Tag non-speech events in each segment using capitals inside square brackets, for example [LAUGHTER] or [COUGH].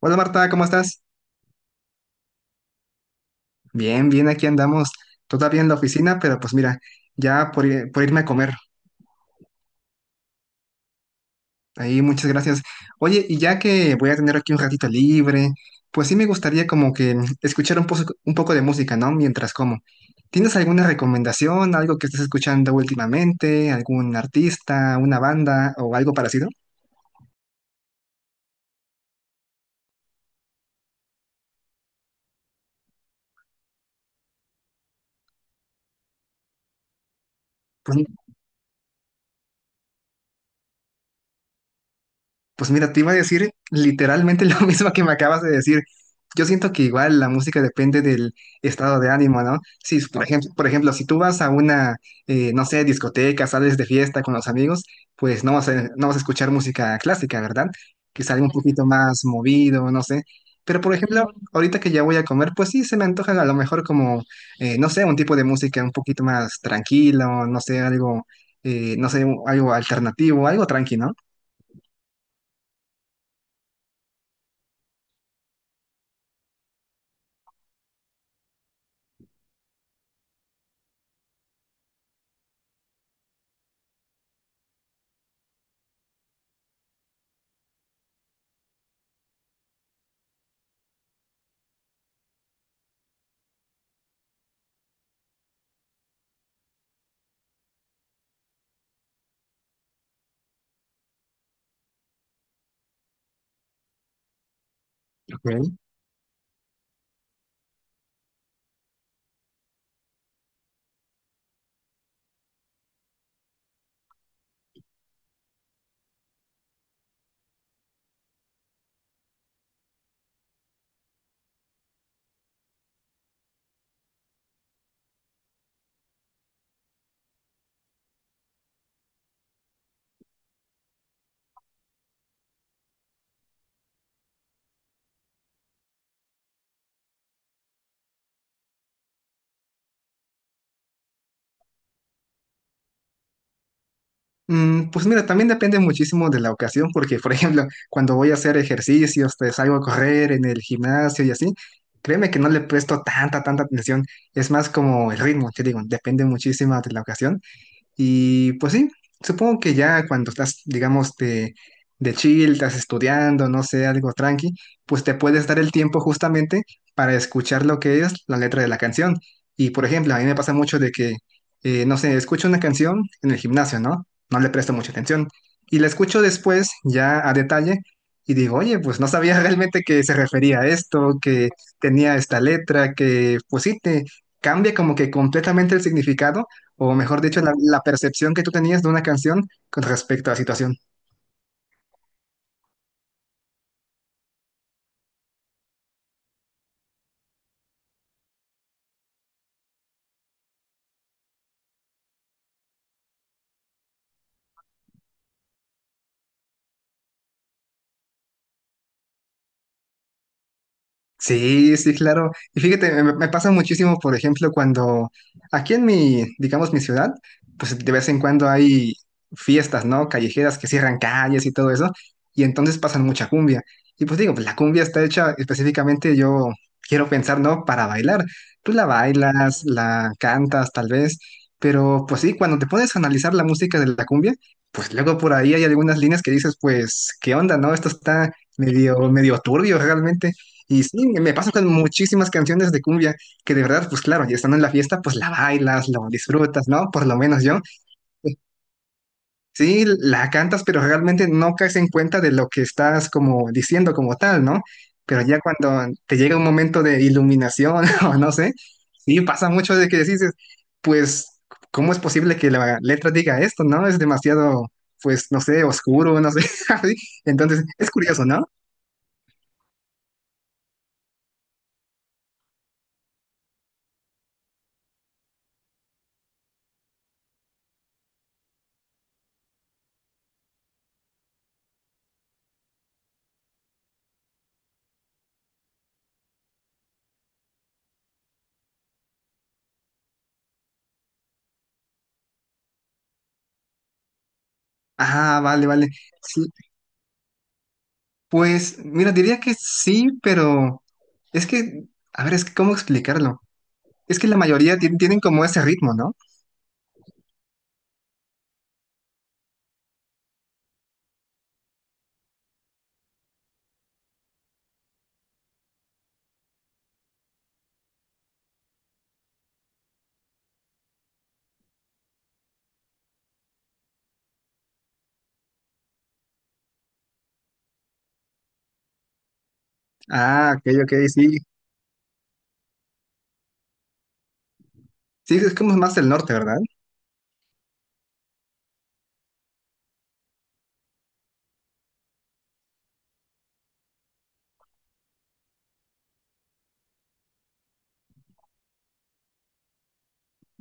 Hola Marta, ¿cómo estás? Bien, bien, aquí andamos. Todavía en la oficina, pero pues mira, ya por irme a comer. Ahí, muchas gracias. Oye, y ya que voy a tener aquí un ratito libre, pues sí me gustaría como que escuchar un poco de música, ¿no? Mientras como. ¿Tienes alguna recomendación, algo que estés escuchando últimamente, algún artista, una banda o algo parecido? Pues pues mira, te iba a decir literalmente [LAUGHS] lo mismo que me acabas de decir. Yo siento que igual la música depende del estado de ánimo, ¿no? Si, por ejemplo, si tú vas a una, no sé, discoteca, sales de fiesta con los amigos, pues no vas a escuchar música clásica, ¿verdad? Que algo un poquito más movido, no sé. Pero por ejemplo, ahorita que ya voy a comer, pues sí, se me antoja a lo mejor como, no sé, un tipo de música un poquito más tranquilo, no sé, algo, no sé, algo alternativo, algo tranquilo, ¿no? Pues mira, también depende muchísimo de la ocasión, porque por ejemplo, cuando voy a hacer ejercicios, te salgo a correr en el gimnasio y así, créeme que no le presto tanta atención, es más como el ritmo, te digo, depende muchísimo de la ocasión, y pues sí, supongo que ya cuando estás, digamos, de chill, estás estudiando, no sé, algo tranqui, pues te puedes dar el tiempo justamente para escuchar lo que es la letra de la canción. Y por ejemplo, a mí me pasa mucho de que, no sé, escucho una canción en el gimnasio, ¿no? No le presto mucha atención. Y la escucho después, ya a detalle, y digo, oye, pues no sabía [LAUGHS] realmente que se refería a esto, que tenía esta letra, que pues sí, te cambia como que completamente el significado o mejor dicho, la percepción que tú tenías de una canción con respecto a la situación. Sí, sí, claro. Y fíjate, me pasa muchísimo, por ejemplo, cuando aquí en mi, digamos, mi ciudad, pues de vez en cuando hay fiestas, ¿no? Callejeras que cierran calles y todo eso, y entonces pasan mucha cumbia. Y pues digo, pues la cumbia está hecha específicamente, yo quiero pensar, ¿no? Para bailar. Tú la bailas, la cantas, tal vez, pero pues sí, cuando te pones a analizar la música de la cumbia, pues luego por ahí hay algunas líneas que dices, pues, ¿qué onda, no? Esto está medio, medio turbio realmente. Y sí, me pasa con muchísimas canciones de cumbia que de verdad, pues claro, ya estando en la fiesta, pues la bailas, la disfrutas, ¿no? Por lo menos yo. Pues sí, la cantas, pero realmente no caes en cuenta de lo que estás como diciendo como tal, ¿no? Pero ya cuando te llega un momento de iluminación [LAUGHS] o no sé, sí, pasa mucho de que dices, pues, ¿cómo es posible que la letra diga esto, ¿no? Es demasiado, pues, no sé, oscuro, no sé. [LAUGHS] Así. Entonces, es curioso, ¿no? Ah, vale, vale. Sí, pues, mira, diría que sí, pero es que, a ver, es que, ¿cómo explicarlo? Es que la mayoría tienen como ese ritmo, ¿no? Ah, ok, ok, sí. Sí, es como más del norte, ¿verdad?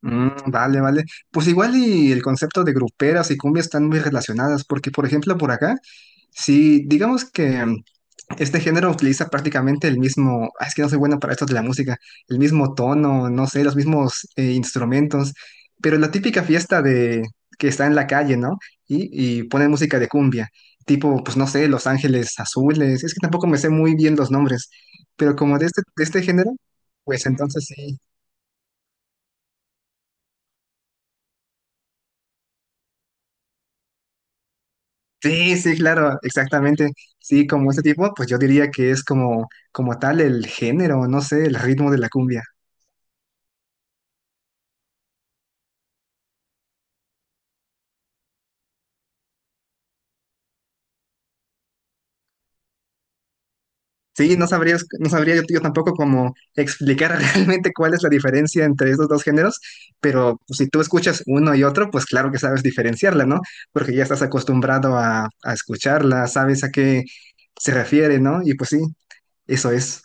Vale, vale. Pues igual y el concepto de gruperas y cumbia están muy relacionadas, porque por ejemplo por acá, si digamos que este género utiliza prácticamente el mismo, ah, es que no soy bueno para esto de la música, el mismo tono, no sé, los mismos instrumentos, pero la típica fiesta de que está en la calle, ¿no? Y, y ponen música de cumbia, tipo, pues no sé, Los Ángeles Azules, es que tampoco me sé muy bien los nombres, pero como de este género, pues entonces sí, sí, sí, claro, exactamente, sí, como este tipo, pues yo diría que es como, como tal el género, no sé, el ritmo de la cumbia. Sí, no sabría yo, yo tampoco cómo explicar [LAUGHS] realmente cuál es la diferencia entre estos dos géneros, pero pues, si tú escuchas uno y otro, pues claro que sabes diferenciarla, ¿no? Porque ya estás acostumbrado a escucharla, sabes a qué se refiere, ¿no? Y pues sí, eso es.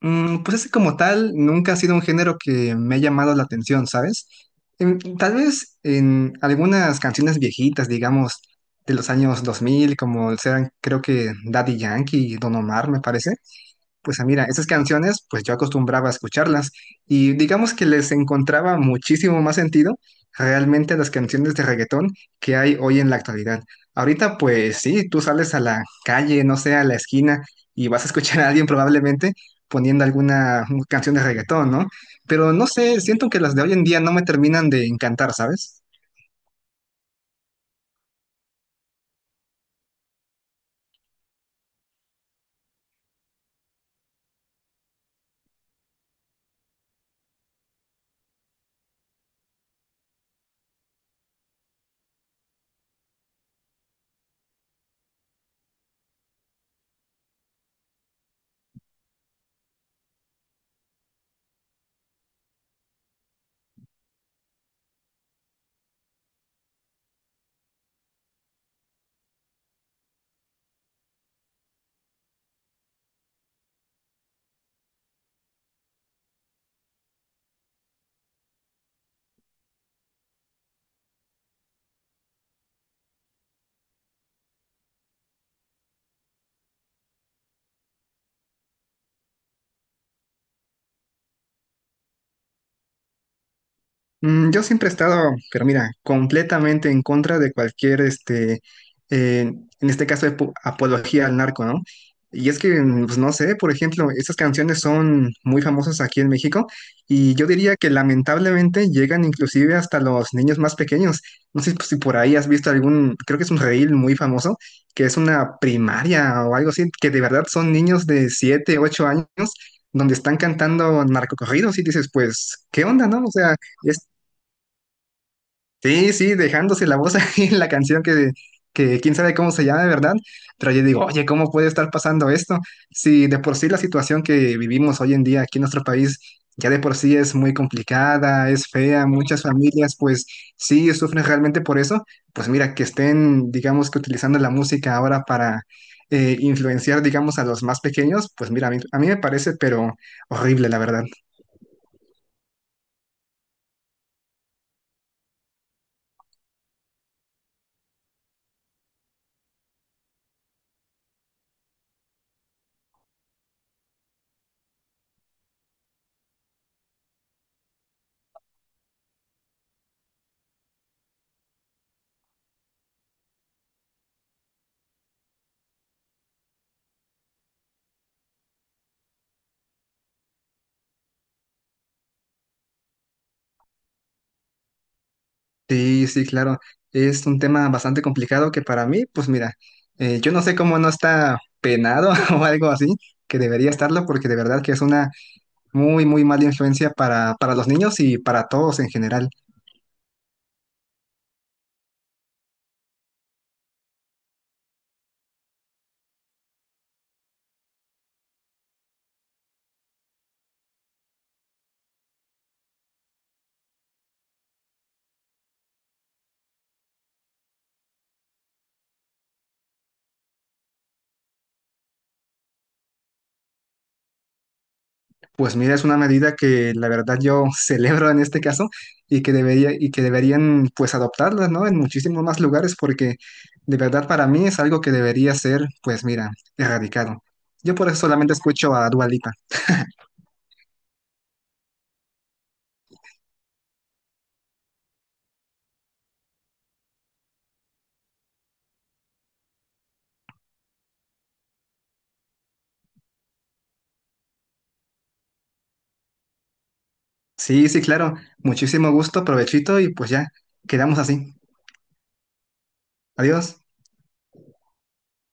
Mm, pues ese como tal nunca ha sido un género que me ha llamado la atención, ¿sabes? Tal vez en algunas canciones viejitas, digamos, de los años 2000 como sean, creo que Daddy Yankee y Don Omar, me parece. Pues ah, mira, esas canciones, pues yo acostumbraba a escucharlas y digamos que les encontraba muchísimo más sentido realmente a las canciones de reggaetón que hay hoy en la actualidad. Ahorita, pues sí, tú sales a la calle, no sé, a la esquina y vas a escuchar a alguien probablemente poniendo alguna canción de reggaetón, ¿no? Pero no sé, siento que las de hoy en día no me terminan de encantar, ¿sabes? Yo siempre he estado, pero mira, completamente en contra de cualquier, este, eh, en este caso, apología al narco, ¿no? Y es que, pues no sé, por ejemplo, estas canciones son muy famosas aquí en México y yo diría que lamentablemente llegan inclusive hasta los niños más pequeños. No sé si por ahí has visto algún, creo que es un reel muy famoso, que es una primaria o algo así, que de verdad son niños de 7, 8 años, donde están cantando narcocorridos y dices, pues, ¿qué onda, no? O sea, sí, sí, dejándose la voz [LAUGHS] ahí en la canción que quién sabe cómo se llama, ¿verdad? Pero yo digo, oye, ¿cómo puede estar pasando esto? Si de por sí la situación que vivimos hoy en día aquí en nuestro país ya de por sí es muy complicada, es fea, muchas familias pues sí sufren realmente por eso, pues mira, que estén, digamos que utilizando la música ahora para influenciar, digamos, a los más pequeños, pues mira, a mí me parece, pero horrible, la verdad. Sí, sí, claro. Es un tema bastante complicado que para mí, pues mira, yo no sé cómo no está penado [LAUGHS] o algo así, que debería estarlo, porque de verdad que es una muy, muy mala influencia para los niños y para todos en general. Pues mira, es una medida que la verdad yo [LAUGHS] celebro en este caso y que debería, y que deberían pues adoptarla, ¿no? En muchísimos más lugares, porque de verdad para mí es algo que debería ser, pues mira, erradicado. Yo por eso solamente escucho a Dua Lipa. Sí, sí, claro. Muchísimo gusto, provechito y pues ya, quedamos así. Adiós.